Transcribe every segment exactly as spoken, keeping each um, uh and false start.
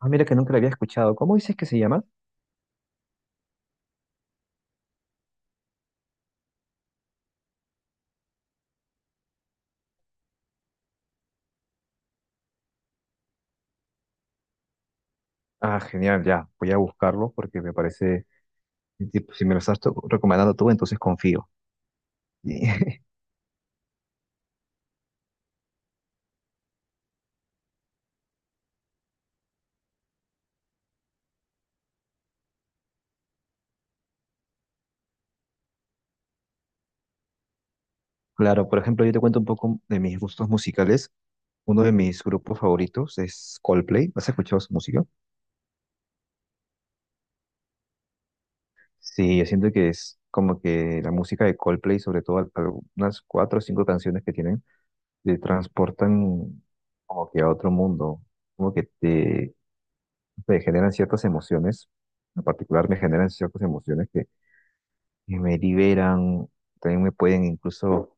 Ah, mira que nunca la había escuchado. ¿Cómo dices que se llama? Ah, genial, ya. Voy a buscarlo porque me parece, tipo, si me lo estás to- recomendando tú, entonces confío. Y, claro, por ejemplo, yo te cuento un poco de mis gustos musicales. Uno de mis grupos favoritos es Coldplay. ¿Has escuchado su música? Sí, yo siento que es como que la música de Coldplay, sobre todo al- algunas cuatro o cinco canciones que tienen, te transportan como que a otro mundo, como que te te generan ciertas emociones. En particular me generan ciertas emociones que me liberan, también me pueden incluso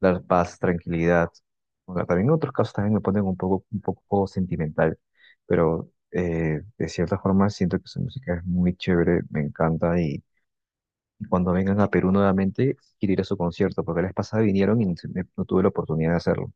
dar paz, tranquilidad. O también en otros casos también me ponen un poco, un poco sentimental, pero eh, de cierta forma siento que su música es muy chévere, me encanta y, y cuando vengan a Perú nuevamente quiero ir a su concierto, porque la vez pasada vinieron y no se me- no tuve la oportunidad de hacerlo.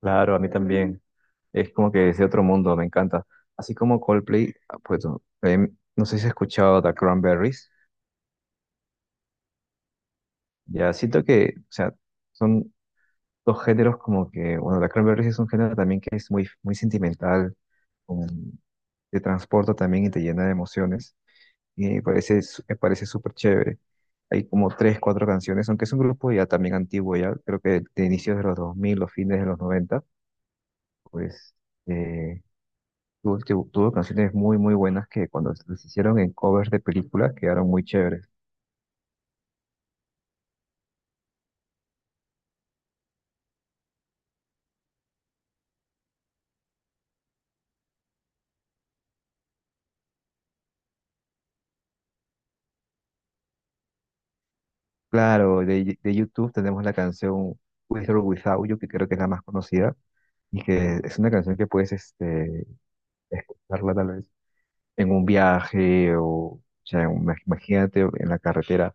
Claro, a mí también, es como que es de otro mundo, me encanta. Así como Coldplay, ah, pues no eh, no sé si has escuchado The Cranberries, ya siento que, o sea, son dos géneros como que, bueno, la Cranberries es un género también que es muy, muy sentimental, um, te transporta también y te llena de emociones, y me parece, su- me parece súper chévere. Hay como tres, cuatro canciones, aunque es un grupo ya también antiguo, ya creo que de inicios de los dos mil los fines de los noventa pues eh, tuvo, tuvo- tuvo canciones muy, muy buenas que cuando las hicieron en covers de películas quedaron muy chéveres. Claro, de, de YouTube tenemos la canción With or Without You, que creo que es la más conocida y que es una canción que puedes este, escucharla tal vez en un viaje o, o sea, ima- imagínate en la carretera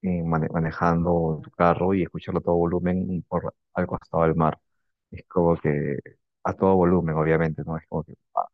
eh, mane- manejando tu carro y escucharlo a todo volumen y por al costado del mar. Es como que a todo volumen, obviamente, ¿no? Es como que, ah,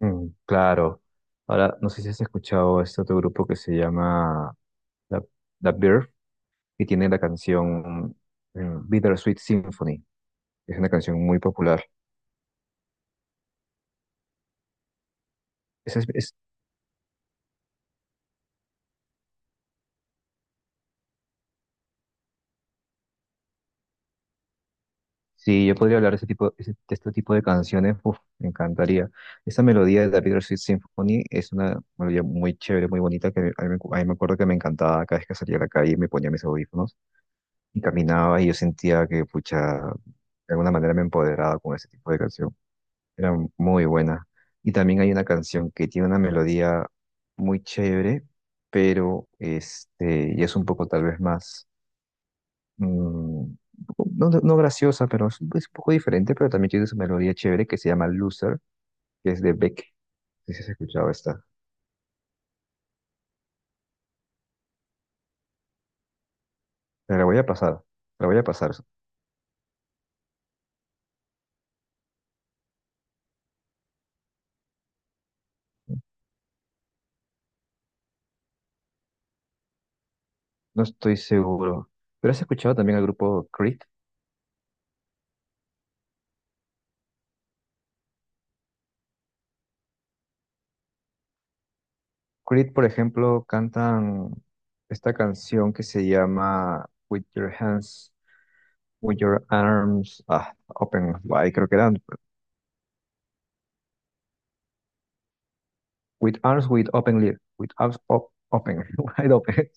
mm, claro. Ahora, no sé si has escuchado este otro grupo que se llama The, The Birth, que tiene la canción eh, Bittersweet Symphony. Es una canción muy popular. Sí, yo podría hablar de, este tipo, ese- de este tipo de canciones, uf, me encantaría. Esta melodía de David Sweet Symphony es una melodía muy chévere, muy bonita, que a mí, me a mí me acuerdo que me encantaba cada vez que salía a la calle, me ponía mis audífonos y caminaba y yo sentía que, pucha, de alguna manera me empoderaba con ese tipo de canción. Era muy buena. Y también hay una canción que tiene una melodía muy chévere, pero este, y es un poco tal vez más mm, no, no no graciosa, pero es un, es un poco diferente, pero también tiene su melodía chévere que se llama Loser, que es de Beck. No sé si has escuchado esta. Te la voy a pasar, te la voy a pasar. No estoy seguro. ¿Pero has escuchado también al grupo Creed? Creed, por ejemplo, cantan esta canción que se llama With Your Hands, With Your Arms, ah, Open, ay, creo que eran With Arms, With Open Lead, With Arms op- Open, Wide Open.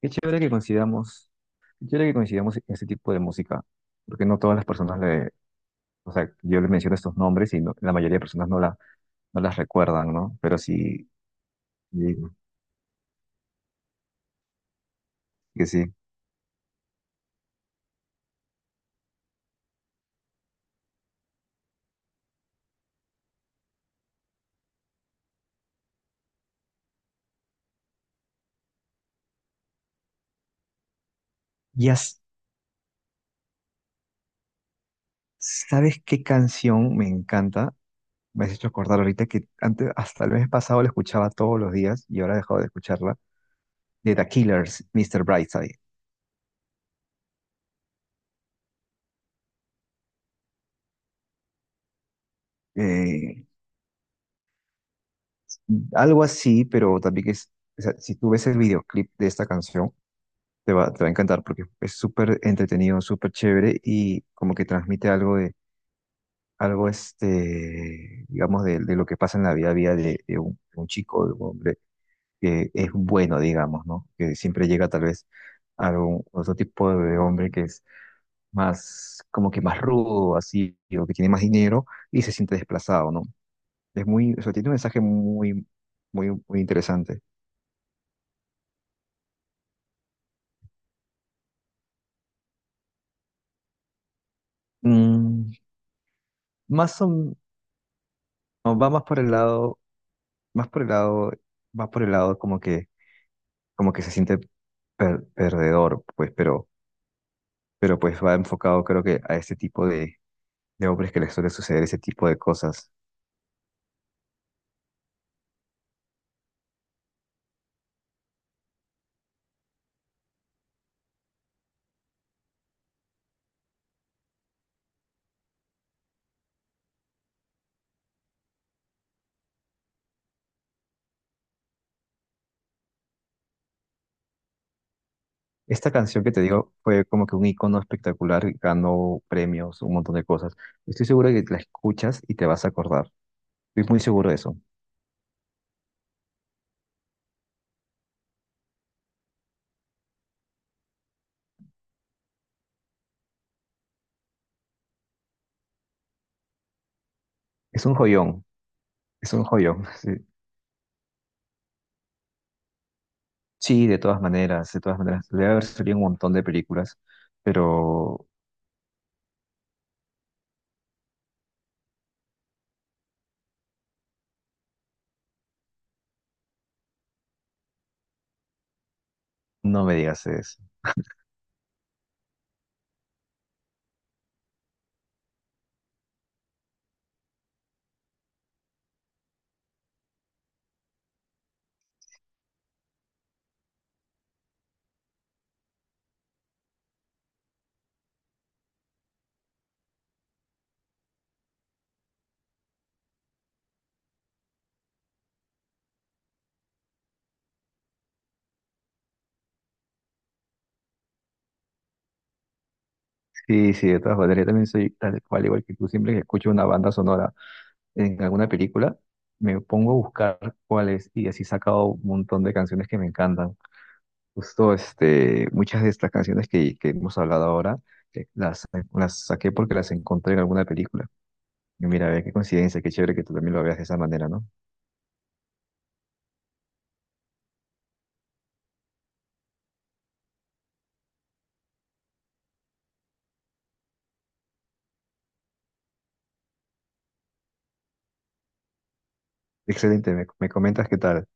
Qué chévere que coincidamos, qué chévere que coincidamos en este tipo de música, porque no todas las personas le, o sea, yo le menciono estos nombres y no- la mayoría de personas no, la, no las recuerdan, ¿no? Pero sí, sí, que sí. Ya sabes qué canción me encanta, me has hecho acordar ahorita que antes, hasta el mes pasado la escuchaba todos los días y ahora he dejado de escucharla, de The Killers, míster Brightside. Eh, algo así, pero también es, o sea, si tú ves el videoclip de esta canción, te va, te va a encantar porque es súper entretenido, súper chévere y como que transmite algo de, algo este, digamos, de, de lo que pasa en la vida, vida de, de un, de un chico, de un hombre que es bueno, digamos, ¿no? Que siempre llega tal vez a algún otro tipo de hombre que es más, como que más rudo, así, o que tiene más dinero y se siente desplazado, ¿no? Es muy, o sea, tiene un mensaje muy, muy, muy interesante. Mm, más o- no, va más por el lado más por el lado, va por el lado como que, como que se siente per- perdedor, pues, pero, pero pues va enfocado creo que a este tipo de, de hombres que les suele suceder ese tipo de cosas. Esta canción que te digo fue como que un icono espectacular, ganó premios, un montón de cosas. Estoy seguro que la escuchas y te vas a acordar. Estoy muy seguro de eso. Es un joyón, es un joyón. Sí, sí, de todas maneras, de todas maneras. Debe haber salido un montón de películas, pero no me digas eso. Sí, sí, de todas maneras, yo también soy tal cual, igual que tú, siempre que escucho una banda sonora en alguna película, me pongo a buscar cuál es, y así he sacado un montón de canciones que me encantan. Justo, este, muchas de estas canciones que, que hemos hablado ahora, eh, las, las saqué porque las encontré en alguna película. Y mira, ve, qué coincidencia, qué chévere que tú también lo veas de esa manera, ¿no? Excelente, me, me comentas qué tal.